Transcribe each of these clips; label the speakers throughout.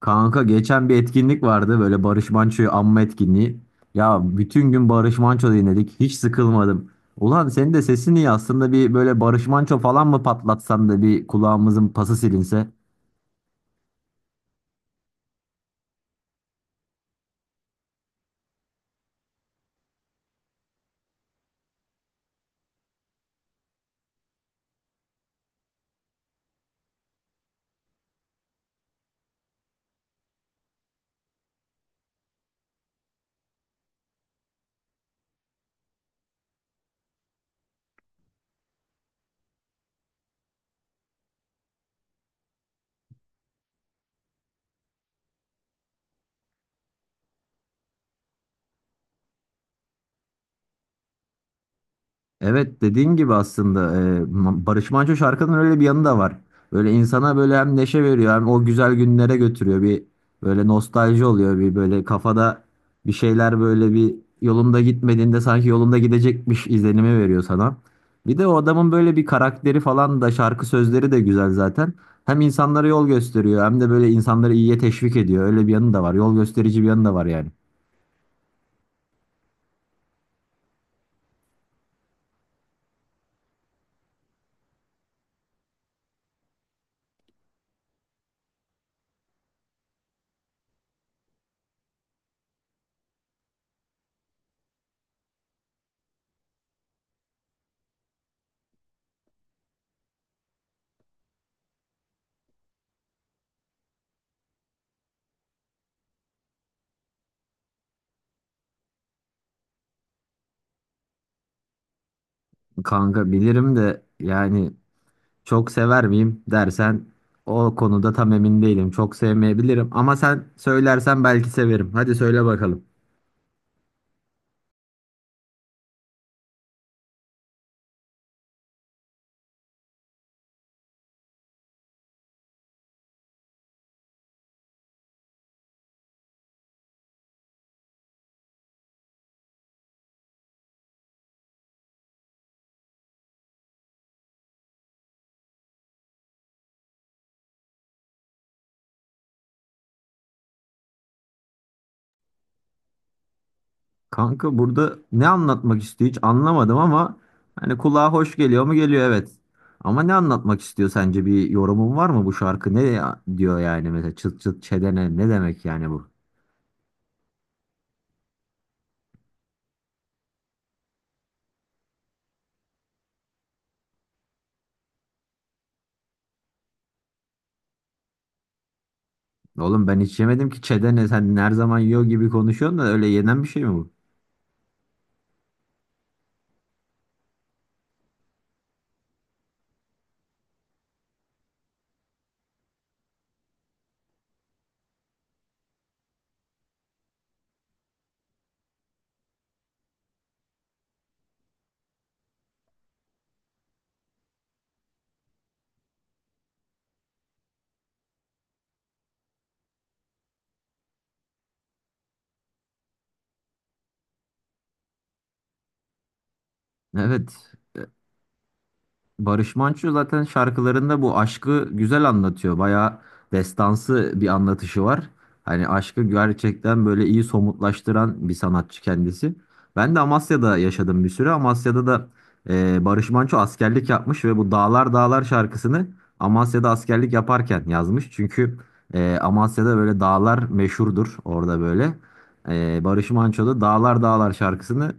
Speaker 1: Kanka geçen bir etkinlik vardı böyle Barış Manço'yu anma etkinliği. Ya bütün gün Barış Manço dinledik, hiç sıkılmadım. Ulan senin de sesin iyi aslında, bir böyle Barış Manço falan mı patlatsan da bir kulağımızın pası silinse. Evet, dediğin gibi aslında Barış Manço şarkının öyle bir yanı da var. Böyle insana böyle hem neşe veriyor, hem o güzel günlere götürüyor. Bir böyle nostalji oluyor. Bir böyle kafada bir şeyler böyle bir yolunda gitmediğinde sanki yolunda gidecekmiş izlenimi veriyor sana. Bir de o adamın böyle bir karakteri falan da, şarkı sözleri de güzel zaten. Hem insanlara yol gösteriyor, hem de böyle insanları iyiye teşvik ediyor. Öyle bir yanı da var. Yol gösterici bir yanı da var yani. Kanka bilirim de yani, çok sever miyim dersen o konuda tam emin değilim. Çok sevmeyebilirim ama sen söylersen belki severim. Hadi söyle bakalım. Kanka burada ne anlatmak istiyor hiç anlamadım ama hani kulağa hoş geliyor mu, geliyor, evet. Ama ne anlatmak istiyor sence, bir yorumun var mı? Bu şarkı diyor yani, mesela çıt çıt çedene ne demek yani bu? Oğlum ben hiç yemedim ki çedene, sen her zaman yiyor gibi konuşuyorsun da öyle yenen bir şey mi bu? Evet, Barış Manço zaten şarkılarında bu aşkı güzel anlatıyor. Bayağı destansı bir anlatışı var. Hani aşkı gerçekten böyle iyi somutlaştıran bir sanatçı kendisi. Ben de Amasya'da yaşadım bir süre. Amasya'da da Barış Manço askerlik yapmış ve bu Dağlar Dağlar şarkısını Amasya'da askerlik yaparken yazmış. Çünkü Amasya'da böyle dağlar meşhurdur orada böyle. Barış Manço da Dağlar Dağlar şarkısını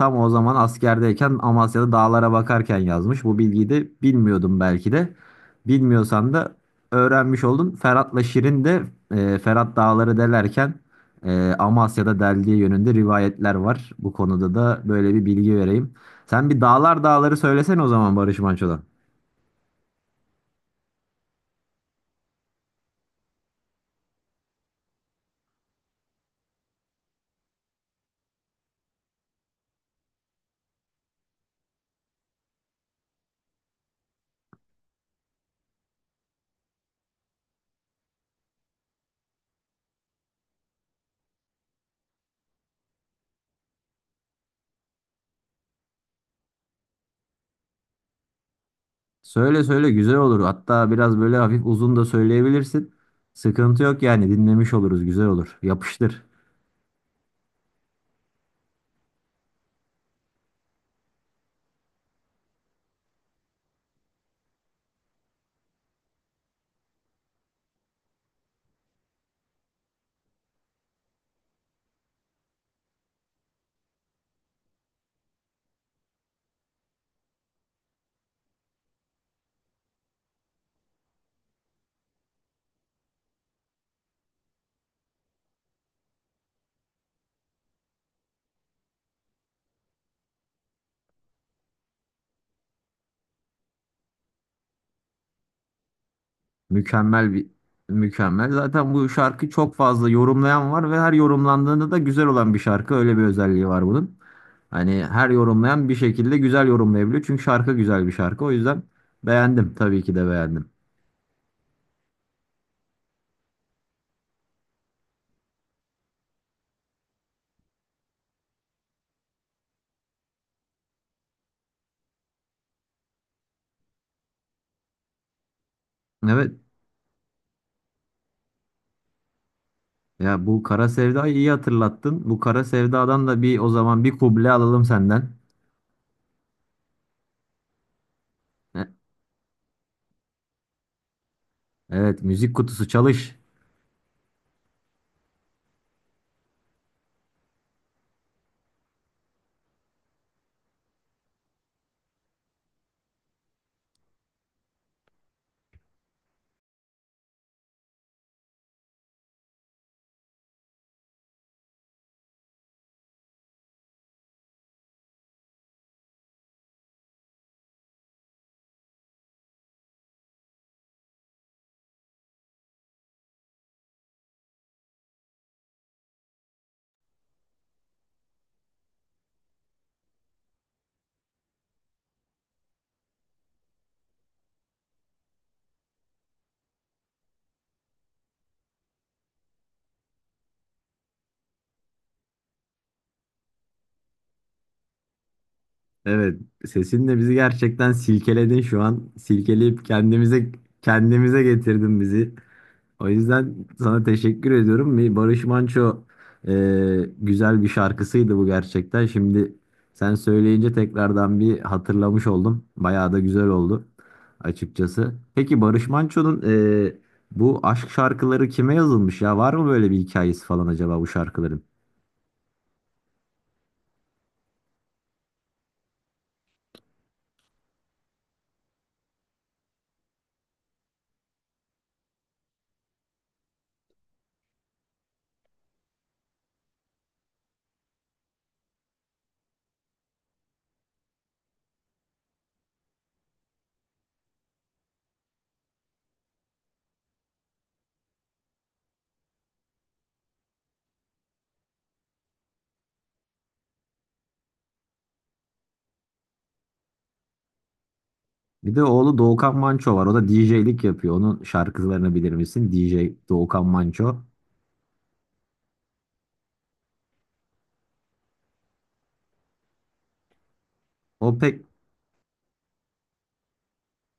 Speaker 1: tam o zaman askerdeyken Amasya'da dağlara bakarken yazmış. Bu bilgiyi de bilmiyordum belki de. Bilmiyorsan da öğrenmiş oldun. Ferhat'la Şirin de, Ferhat dağları delerken Amasya'da deldiği yönünde rivayetler var. Bu konuda da böyle bir bilgi vereyim. Sen bir Dağlar Dağları söylesene o zaman, Barış Manço'dan. Söyle söyle, güzel olur. Hatta biraz böyle hafif uzun da söyleyebilirsin. Sıkıntı yok yani, dinlemiş oluruz, güzel olur. Yapıştır. Mükemmel bir mükemmel. Zaten bu şarkı çok fazla yorumlayan var ve her yorumlandığında da güzel olan bir şarkı. Öyle bir özelliği var bunun. Hani her yorumlayan bir şekilde güzel yorumlayabiliyor. Çünkü şarkı güzel bir şarkı. O yüzden beğendim. Tabii ki de beğendim. Evet. Ya bu Kara Sevda'yı iyi hatırlattın. Bu Kara Sevda'dan da bir o zaman bir kuble alalım senden. E- Evet, müzik kutusu çalış. Evet, sesinle bizi gerçekten silkeledin şu an. Silkeleyip kendimize getirdin bizi. O yüzden sana teşekkür ediyorum. Bir Barış Manço güzel bir şarkısıydı bu gerçekten. Şimdi sen söyleyince tekrardan bir hatırlamış oldum. Bayağı da güzel oldu açıkçası. Peki Barış Manço'nun e, bu aşk şarkıları kime yazılmış ya? Var mı böyle bir hikayesi falan acaba bu şarkıların? Bir de oğlu Doğukan Manço var. O da DJ'lik yapıyor. Onun şarkılarını bilir misin? DJ Doğukan Manço. O pek.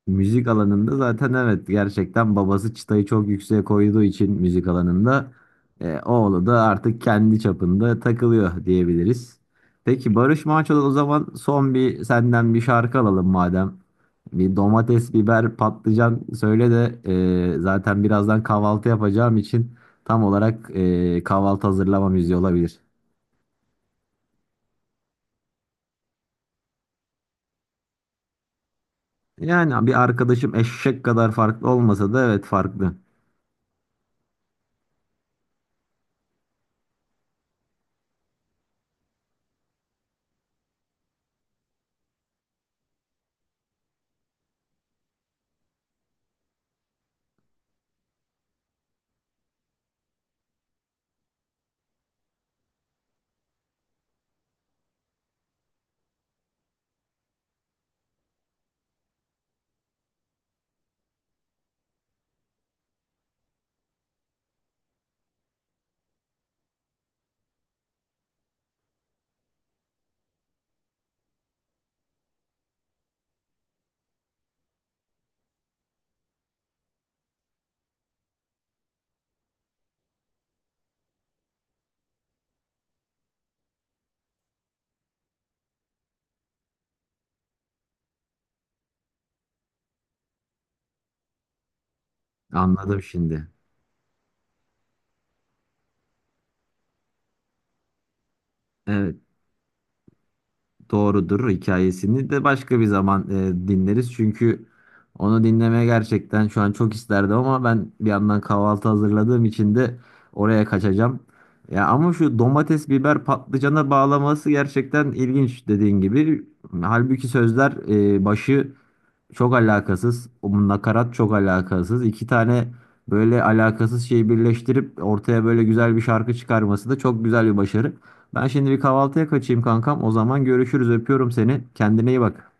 Speaker 1: Müzik alanında zaten evet, gerçekten babası çıtayı çok yükseğe koyduğu için müzik alanında oğlu da artık kendi çapında takılıyor diyebiliriz. Peki Barış Manço'dan o zaman son bir, senden bir şarkı alalım madem. Bir domates, biber, patlıcan söyle de zaten birazdan kahvaltı yapacağım için tam olarak kahvaltı hazırlama müziği olabilir. Yani bir arkadaşım, eşek kadar farklı olmasa da evet, farklı. Anladım şimdi. Evet. Doğrudur, hikayesini de başka bir zaman dinleriz. Çünkü onu dinlemeye gerçekten şu an çok isterdim ama ben bir yandan kahvaltı hazırladığım için de oraya kaçacağım. Ya ama şu domates, biber, patlıcana bağlaması gerçekten ilginç, dediğin gibi. Halbuki sözler, başı çok alakasız. Bu nakarat çok alakasız. İki tane böyle alakasız şeyi birleştirip ortaya böyle güzel bir şarkı çıkarması da çok güzel bir başarı. Ben şimdi bir kahvaltıya kaçayım kankam. O zaman görüşürüz. Öpüyorum seni. Kendine iyi bak.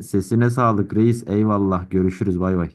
Speaker 1: Sesine sağlık reis. Eyvallah. Görüşürüz. Bay bay.